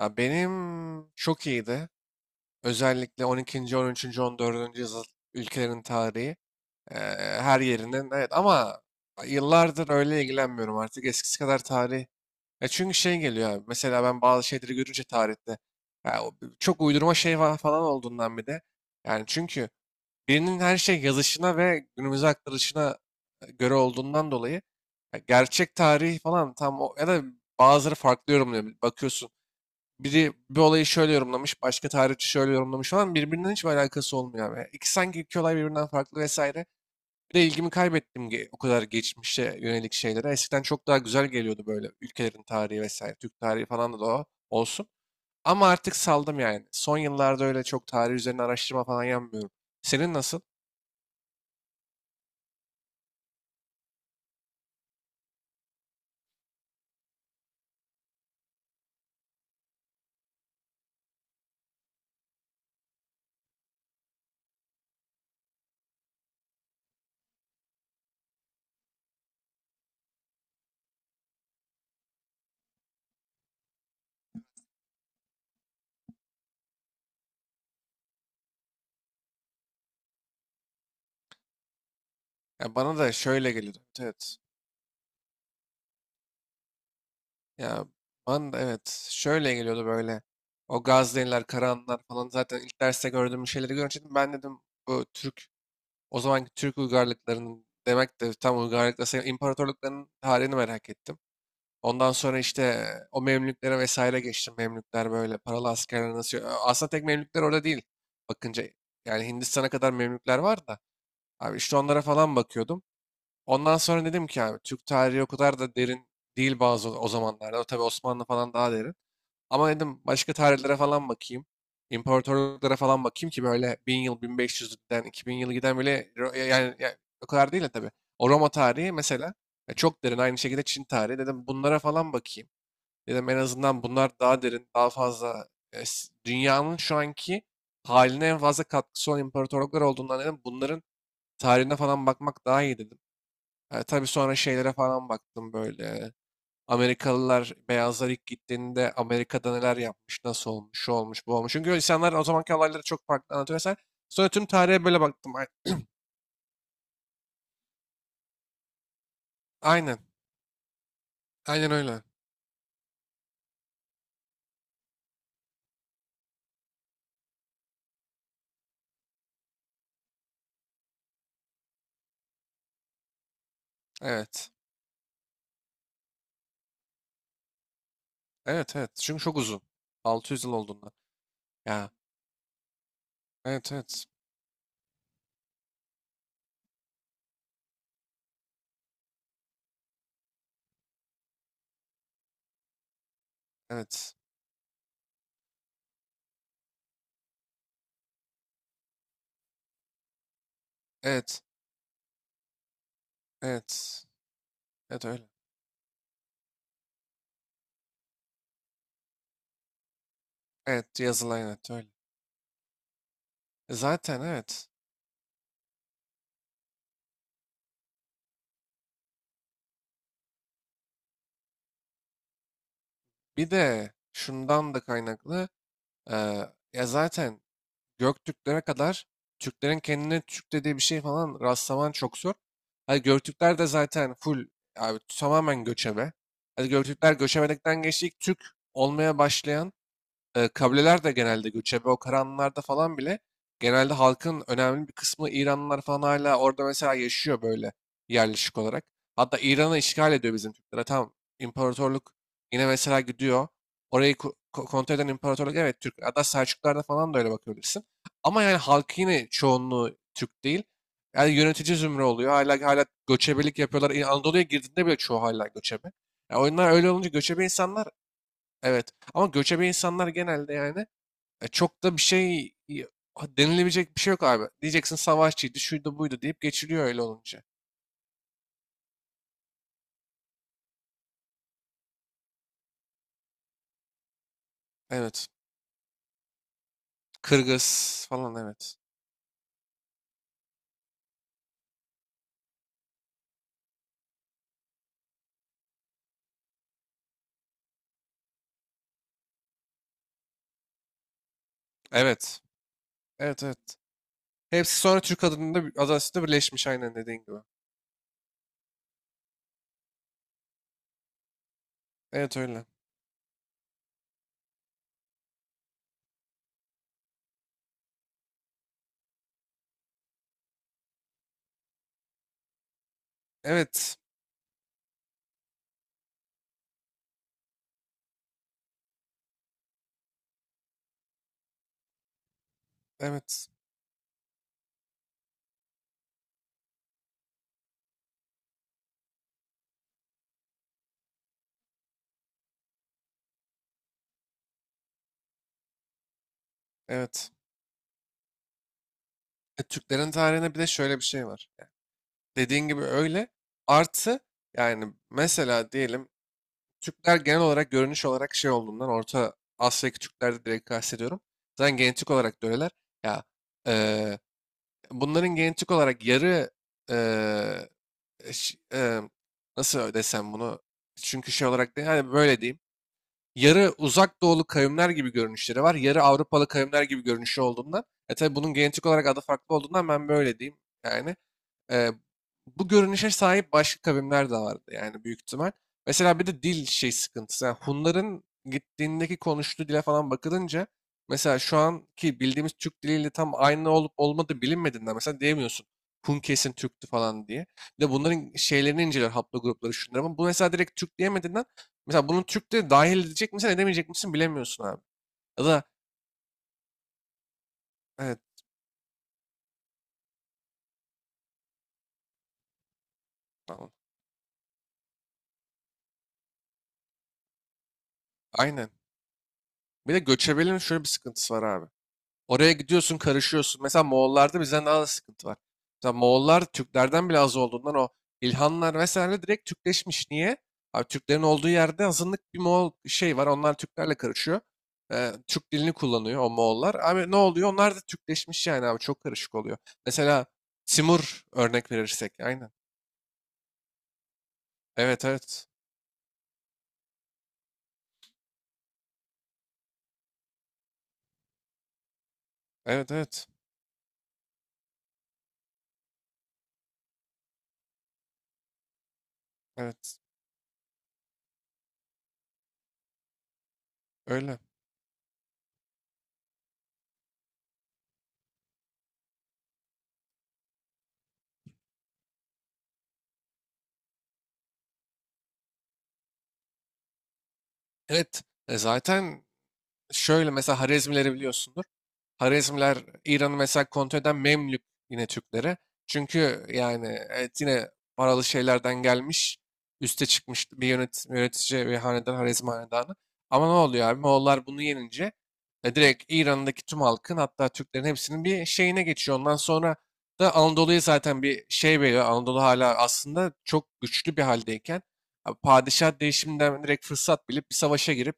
Ya benim çok iyiydi. Özellikle 12. 13. 14. yüzyıl ülkelerin tarihi. eee, Her yerinden evet ama yıllardır öyle ilgilenmiyorum artık eskisi kadar tarih. Ya çünkü şey geliyor abi, mesela ben bazı şeyleri görünce tarihte ya o çok uydurma şey falan olduğundan bir de. Yani çünkü birinin her şey yazışına ve günümüze aktarışına göre olduğundan dolayı ya gerçek tarih falan tam o ya da bazıları farklı yorumluyor. Bakıyorsun biri bir olayı şöyle yorumlamış, başka tarihçi şöyle yorumlamış falan. Birbirinden hiçbir alakası olmuyor abi. İki sanki iki olay birbirinden farklı vesaire. Bir de ilgimi kaybettim, o kadar geçmişe yönelik şeylere. Eskiden çok daha güzel geliyordu böyle ülkelerin tarihi vesaire. Türk tarihi falan da o olsun. Ama artık saldım yani. Son yıllarda öyle çok tarih üzerine araştırma falan yapmıyorum. Senin nasıl? Ya bana da şöyle geliyordu. Evet. Evet. Ya bana da evet şöyle geliyordu böyle. O Gazneliler, Karahanlılar falan zaten ilk derste gördüğüm şeyleri görünce dedim, ben dedim bu Türk. O zamanki Türk uygarlıklarının, demek de tam uygarlıkla sayılır, İmparatorluklarının tarihini merak ettim. Ondan sonra işte o Memlüklere vesaire geçtim. Memlükler böyle paralı askerler nasıl... Aslında tek Memlükler orada değil. Bakınca yani Hindistan'a kadar Memlükler var da. Abi işte onlara falan bakıyordum. Ondan sonra dedim ki yani Türk tarihi o kadar da derin değil bazı o zamanlarda. O tabii Osmanlı falan daha derin. Ama dedim başka tarihlere falan bakayım. İmparatorluklara falan bakayım ki, böyle 1.000 yıl, 1.500'den 2.000 yıl giden, böyle yani, o kadar değil de tabii. O Roma tarihi mesela ya çok derin. Aynı şekilde Çin tarihi. Dedim bunlara falan bakayım. Dedim en azından bunlar daha derin, daha fazla dünyanın şu anki haline en fazla katkısı olan imparatorluklar olduğundan, dedim bunların tarihine falan bakmak daha iyi dedim. Ha, tabii sonra şeylere falan baktım böyle. Amerikalılar, beyazlar ilk gittiğinde Amerika'da neler yapmış, nasıl olmuş, şu olmuş, bu olmuş. Çünkü insanlar o zamanki olayları çok farklı anlatıyor vesaire. Sonra tüm tarihe böyle baktım. Aynen. Aynen öyle. Evet. Evet, evet. Çünkü çok uzun. 600 yıl olduğunda. Ya. Evet, evet. Evet. Evet. Evet. Evet öyle. Evet, yazılı, evet öyle. E, zaten evet. Bir de şundan da kaynaklı. Ya zaten Göktürklere kadar Türklerin kendine Türk dediği bir şey falan rastlaman çok zor. Hadi Göktürkler de zaten full abi tamamen göçebe. Hadi Göktürkler göçebelikten geçti. İlk Türk olmaya başlayan kabileler de genelde göçebe, o karanlarda falan bile genelde halkın önemli bir kısmı İranlılar falan hala orada mesela yaşıyor böyle yerleşik olarak. Hatta İran'ı işgal ediyor bizim Türkler. Ha, tamam, imparatorluk yine mesela gidiyor. Orayı kontrol eden imparatorluk evet Türk. Hatta Selçuklar'da falan da öyle bakabilirsin. Ama yani halkı yine çoğunluğu Türk değil. Yani yönetici zümre oluyor. Hala hala göçebelik yapıyorlar. Anadolu'ya girdiğinde bile çoğu hala göçebe. Yani oyunlar öyle olunca göçebe insanlar. Evet. Ama göçebe insanlar genelde yani çok da bir şey denilebilecek bir şey yok abi. Diyeceksin savaşçıydı, şuydu buydu deyip geçiliyor öyle olunca. Evet. Kırgız falan evet. Evet. Evet, evet. Hepsi sonra Türk adında adasında birleşmiş aynen dediğin gibi. Evet öyle. Evet. Evet. Evet. E, Türklerin tarihine bir de şöyle bir şey var. Dediğin gibi öyle. Artı yani mesela diyelim, Türkler genel olarak görünüş olarak şey olduğundan, Orta Asya'daki Türklerde direkt kastediyorum. Zaten genetik olarak da öyleler. Ya eee, bunların genetik olarak yarı eee, ş- eee, nasıl desem bunu? Çünkü şey olarak değil, hani böyle diyeyim. Yarı uzak doğulu kavimler gibi görünüşleri var. Yarı Avrupalı kavimler gibi görünüşü olduğundan. E tabi bunun genetik olarak adı farklı olduğundan ben böyle diyeyim. Yani Eee, bu görünüşe sahip başka kavimler de vardı yani büyük ihtimal. Mesela bir de dil şey sıkıntısı. Yani Hunların gittiğindeki konuştuğu dile falan bakılınca mesela, şu anki bildiğimiz Türk diliyle tam aynı olup olmadığı bilinmediğinden mesela diyemiyorsun, Hun kesin Türktü falan diye. Bir de bunların şeylerini inceliyor, haplogrupları şunları, ama bu mesela direkt Türk diyemediğinden mesela bunun Türk de dahil edecek misin edemeyecek misin bilemiyorsun abi. Ya da evet tamam aynen. Bir de göçebelerin şöyle bir sıkıntısı var abi. Oraya gidiyorsun karışıyorsun. Mesela Moğollarda bizden daha da sıkıntı var. Mesela Moğollar Türklerden bile az olduğundan o İlhanlar vesaire direkt Türkleşmiş. Niye? Abi Türklerin olduğu yerde azınlık bir Moğol şey var. Onlar Türklerle karışıyor. Türk dilini kullanıyor o Moğollar. Abi ne oluyor? Onlar da Türkleşmiş yani abi. Çok karışık oluyor. Mesela Simur örnek verirsek. Aynen. Evet, evet. Evet, evet. Evet. Öyle. Evet. E zaten şöyle, mesela Harezmileri biliyorsundur. Harezmler İran'ı mesela kontrol eden Memlük, yine Türklere, çünkü yani evet yine paralı şeylerden gelmiş. Üste çıkmış bir yönetici ve hanedan, Harezm hanedanı. Ama ne oluyor abi? Moğollar bunu yenince direkt İran'daki tüm halkın hatta Türklerin hepsinin bir şeyine geçiyor. Ondan sonra da Anadolu'ya zaten bir şey veriyor. Anadolu hala aslında çok güçlü bir haldeyken abi, padişah değişiminden direkt fırsat bilip bir savaşa girip,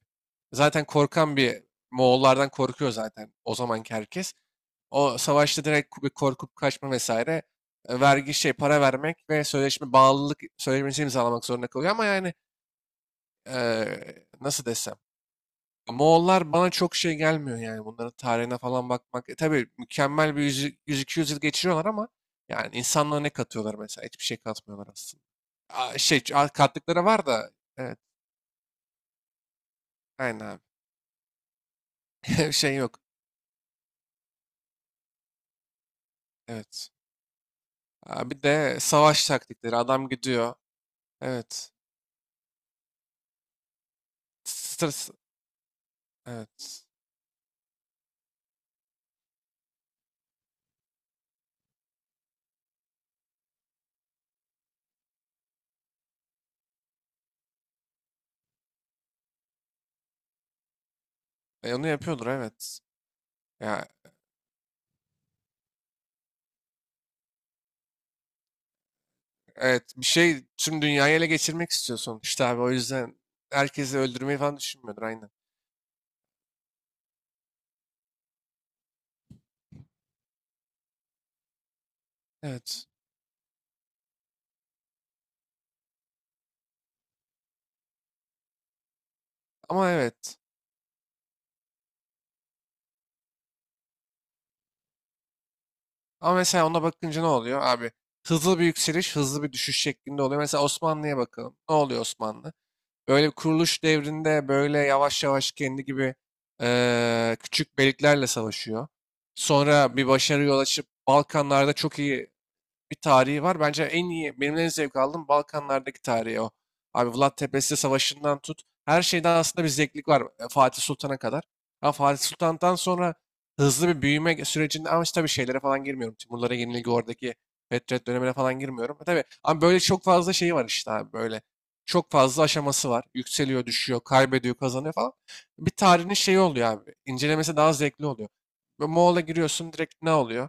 zaten korkan bir, Moğollardan korkuyor zaten o zamanki herkes. O savaşta direkt bir korkup kaçma vesaire, vergi şey para vermek ve sözleşme, bağlılık sözleşmesi imzalamak zorunda kalıyor. Ama yani e, nasıl desem. Moğollar bana çok şey gelmiyor yani, bunların tarihine falan bakmak. E, tabii mükemmel bir 100-200 yıl geçiriyorlar ama yani insanlığa ne katıyorlar mesela? Hiçbir şey katmıyorlar aslında. Aa, şey kattıkları var da, evet aynen abi. Şey yok. Evet. Aa, bir de savaş taktikleri. Adam gidiyor. Evet. Stres. Evet. E, onu yapıyordur evet. Ya evet bir şey, tüm dünyayı ele geçirmek istiyor sonuçta abi. O yüzden herkesi öldürmeyi falan düşünmüyordur aynen. Evet. Ama evet. Ama mesela ona bakınca ne oluyor abi? Hızlı bir yükseliş, hızlı bir düşüş şeklinde oluyor. Mesela Osmanlı'ya bakalım. Ne oluyor Osmanlı? Böyle bir kuruluş devrinde böyle yavaş yavaş kendi gibi küçük beyliklerle savaşıyor. Sonra bir başarıya ulaşıp Balkanlarda çok iyi bir tarihi var. Bence en iyi, benim en zevk aldığım Balkanlardaki tarihi o. Abi Vlad Tepesi Savaşı'ndan tut, her şeyden aslında bir zevklik var, e, Fatih Sultan'a kadar. Ama Fatih Sultan'dan sonra hızlı bir büyüme sürecinde, ama işte tabii şeylere falan girmiyorum. Timurlara yenilgi, oradaki Fetret dönemine falan girmiyorum. E tabii, ama böyle çok fazla şeyi var işte abi böyle. Çok fazla aşaması var. Yükseliyor, düşüyor, kaybediyor, kazanıyor falan. Bir tarihin şeyi oluyor abi. İncelemesi daha zevkli oluyor. Ve Moğol'a giriyorsun direkt ne oluyor?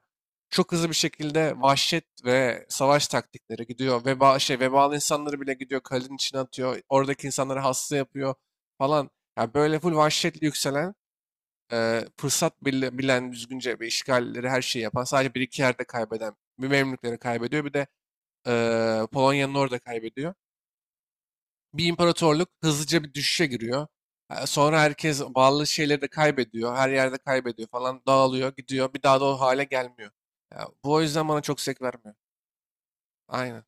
Çok hızlı bir şekilde vahşet ve savaş taktikleri gidiyor. Veba, şey, vebalı insanları bile gidiyor kalenin içine atıyor. Oradaki insanları hasta yapıyor falan. Yani böyle full vahşetle yükselen, fırsat bilen, düzgünce bir işgalleri her şeyi yapan, sadece bir iki yerde kaybeden, bir Memlükleri kaybediyor, bir de Polonya'nın orada kaybediyor. Bir imparatorluk hızlıca bir düşüşe giriyor. E, sonra herkes bağlı şeyleri de kaybediyor, her yerde kaybediyor falan, dağılıyor, gidiyor. Bir daha da o hale gelmiyor. Ya bu o yüzden bana çok zevk vermiyor. Aynen.